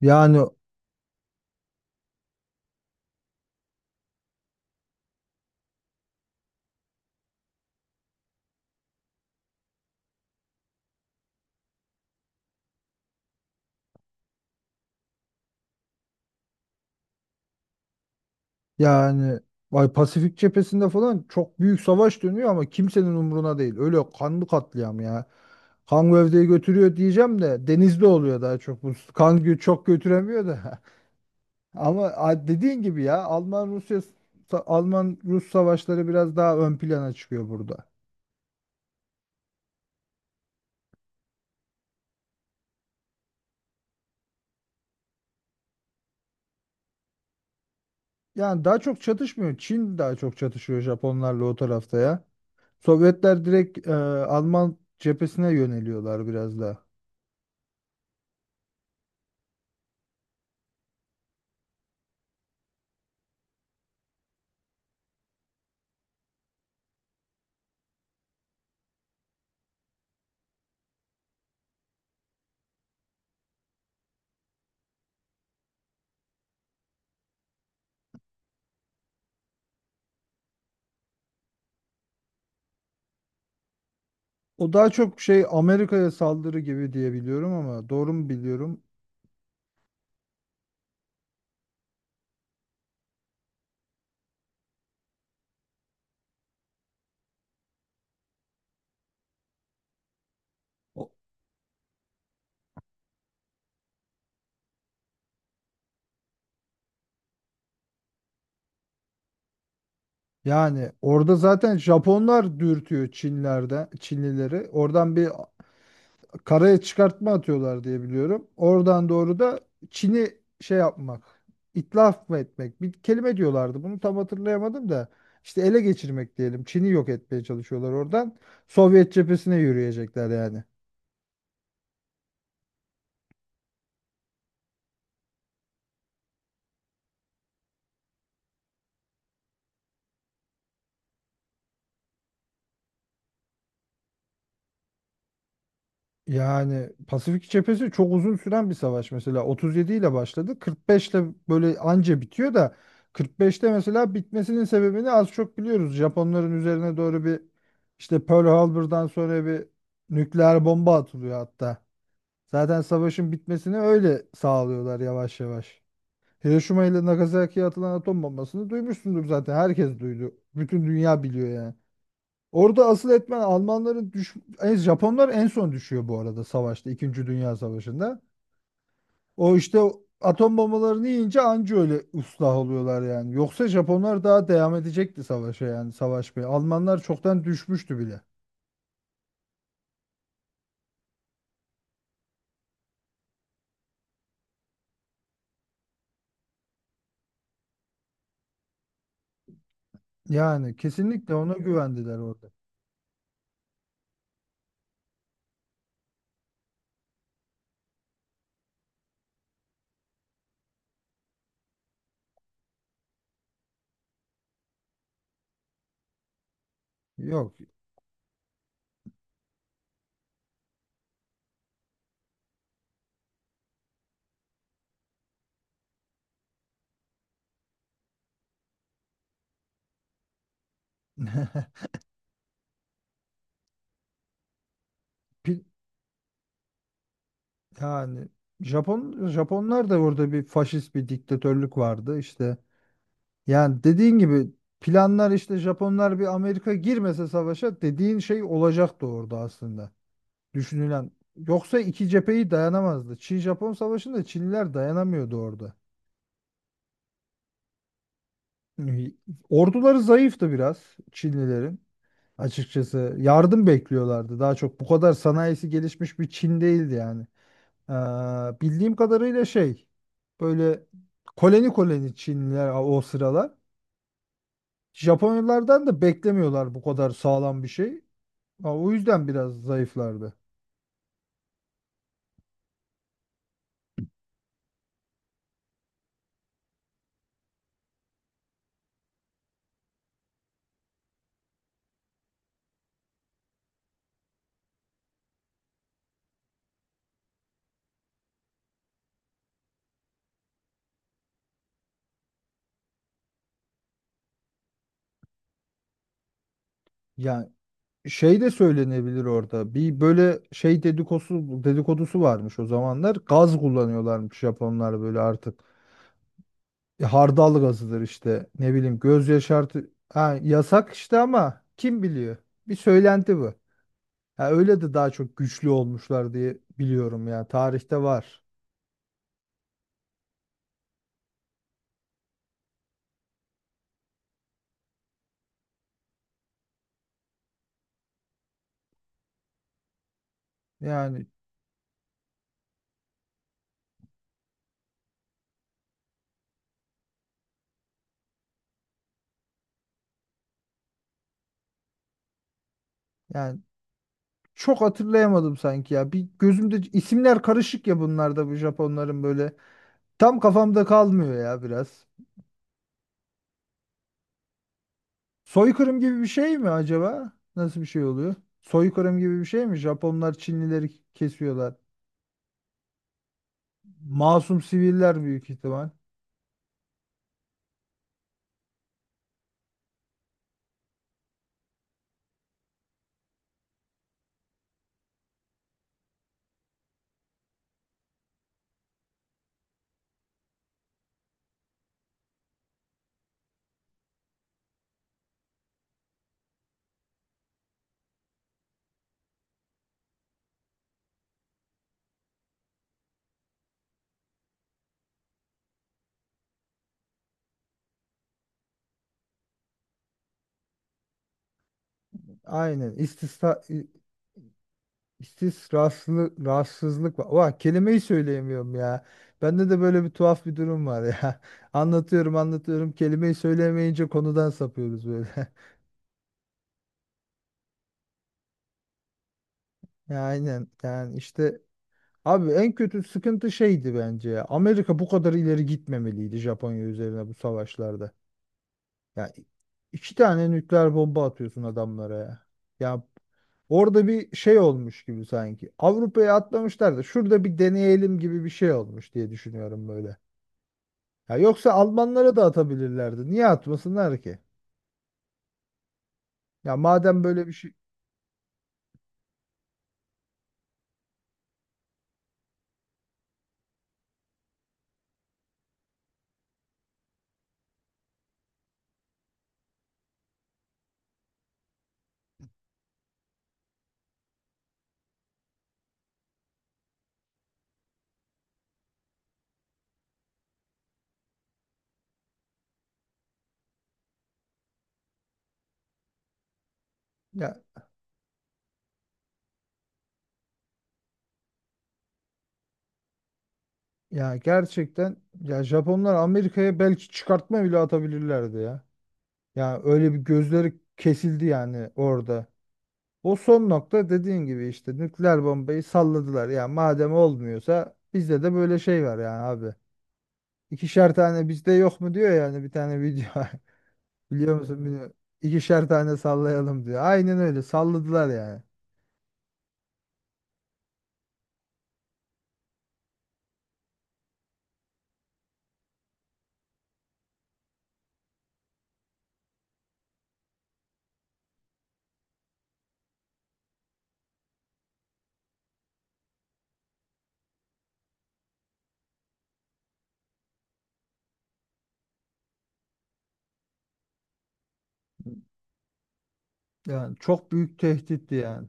Yani yani vay Pasifik cephesinde falan çok büyük savaş dönüyor ama kimsenin umruna değil. Öyle kanlı katliam ya. Kan gövdeyi götürüyor diyeceğim de denizde oluyor daha çok. Bu çok götüremiyor da. Ama dediğin gibi ya Alman Rus savaşları biraz daha ön plana çıkıyor burada. Yani daha çok çatışmıyor. Çin daha çok çatışıyor Japonlarla o tarafta ya. Sovyetler direkt Alman cephesine yöneliyorlar biraz daha. O daha çok şey Amerika'ya saldırı gibi diye biliyorum ama doğru mu biliyorum? O- Yani orada zaten Japonlar dürtüyor Çinlileri. Oradan bir karaya çıkartma atıyorlar diye biliyorum. Oradan doğru da Çin'i şey yapmak, itlaf mı etmek? Bir kelime diyorlardı. Bunu tam hatırlayamadım da. İşte ele geçirmek diyelim. Çin'i yok etmeye çalışıyorlar oradan. Sovyet cephesine yürüyecekler yani. Yani Pasifik cephesi çok uzun süren bir savaş, mesela 37 ile başladı, 45 ile böyle anca bitiyor da 45'te mesela bitmesinin sebebini az çok biliyoruz. Japonların üzerine doğru bir işte Pearl Harbor'dan sonra bir nükleer bomba atılıyor hatta. Zaten savaşın bitmesini öyle sağlıyorlar yavaş yavaş. Hiroşima ile Nagasaki'ye atılan atom bombasını duymuşsundur, zaten herkes duydu. Bütün dünya biliyor yani. Orada asıl etmen Almanların Japonlar en son düşüyor bu arada savaşta. İkinci Dünya Savaşı'nda. O işte o atom bombalarını yiyince anca öyle ıslah oluyorlar yani. Yoksa Japonlar daha devam edecekti savaşa, yani savaşmaya. Almanlar çoktan düşmüştü bile. Yani kesinlikle ona güvendiler orada. Yok. Pi- Yani Japonlar da orada bir faşist bir diktatörlük vardı. İşte yani dediğin gibi planlar işte Japonlar bir, Amerika girmese savaşa dediğin şey olacaktı orada aslında. Düşünülen. Yoksa iki cepheyi dayanamazdı. Çin-Japon savaşında Çinliler dayanamıyordu orada. Yani orduları zayıftı biraz Çinlilerin. Açıkçası yardım bekliyorlardı. Daha çok bu kadar sanayisi gelişmiş bir Çin değildi yani. Bildiğim kadarıyla şey böyle koloni koloni Çinliler o sıralar. Japonlardan da beklemiyorlar bu kadar sağlam bir şey. Ha, o yüzden biraz zayıflardı. Yani şey de söylenebilir orada. Bir böyle şey dedikodusu, dedikodusu varmış o zamanlar. Gaz kullanıyorlarmış Japonlar böyle artık. E, hardal gazıdır işte. Ne bileyim, göz yaşartı. Ha, yasak işte ama kim biliyor? Bir söylenti bu. Ha, öyle de daha çok güçlü olmuşlar diye biliyorum ya. Tarihte var. Yani yani çok hatırlayamadım sanki ya. Bir, gözümde isimler karışık ya bunlarda, bu Japonların böyle. Tam kafamda kalmıyor ya biraz. Soykırım gibi bir şey mi acaba? Nasıl bir şey oluyor? Soykırım gibi bir şey mi? Japonlar Çinlileri kesiyorlar. Masum siviller büyük ihtimal. Aynen. İstisraslı, rahatsızlık var. Vah, kelimeyi söyleyemiyorum ya. Bende de böyle bir tuhaf bir durum var ya. Anlatıyorum anlatıyorum. Kelimeyi söyleyemeyince konudan sapıyoruz böyle. Ya, aynen. Yani işte abi en kötü sıkıntı şeydi bence ya. Amerika bu kadar ileri gitmemeliydi Japonya üzerine bu savaşlarda. Ya iki tane nükleer bomba atıyorsun adamlara ya. Ya orada bir şey olmuş gibi sanki. Avrupa'ya atlamışlar da şurada bir deneyelim gibi bir şey olmuş diye düşünüyorum böyle. Ya yoksa Almanlara da atabilirlerdi. Niye atmasınlar ki? Ya madem böyle bir şey, ya ya gerçekten ya Japonlar Amerika'ya belki çıkartma bile atabilirlerdi ya. Ya öyle bir gözleri kesildi yani orada. O son nokta dediğin gibi işte nükleer bombayı salladılar. Ya madem olmuyorsa bizde de böyle şey var yani abi. İkişer tane bizde yok mu diyor yani, bir tane video. Biliyor musun? Bilmiyorum. İkişer tane sallayalım diyor. Aynen öyle salladılar yani. Yani çok büyük tehditti yani.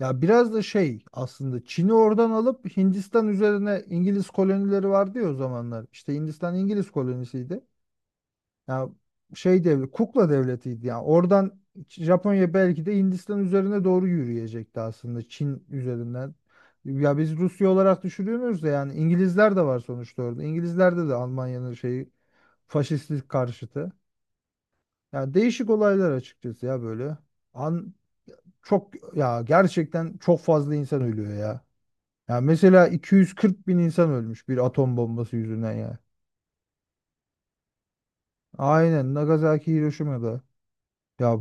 Ya biraz da şey aslında, Çin'i oradan alıp Hindistan üzerine İngiliz kolonileri vardı ya o zamanlar. İşte Hindistan İngiliz kolonisiydi. Ya şey devlet, kukla devletiydi yani. Oradan Japonya belki de Hindistan üzerine doğru yürüyecekti aslında Çin üzerinden. Ya biz Rusya olarak düşürüyoruz da yani İngilizler de var sonuçta orada. İngilizlerde de Almanya'nın şeyi, faşistlik karşıtı. Ya değişik olaylar açıkçası ya böyle. An çok ya, gerçekten çok fazla insan ölüyor ya. Ya mesela 240 bin insan ölmüş bir atom bombası yüzünden ya. Aynen Nagasaki Hiroşima'da. Ya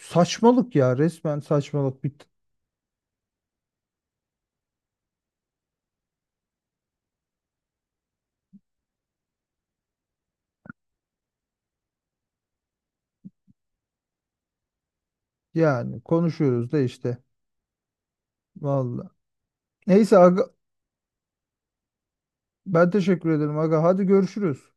saçmalık ya, resmen saçmalık. Yani konuşuyoruz da işte. Vallahi. Neyse aga, ben teşekkür ederim aga. Hadi görüşürüz.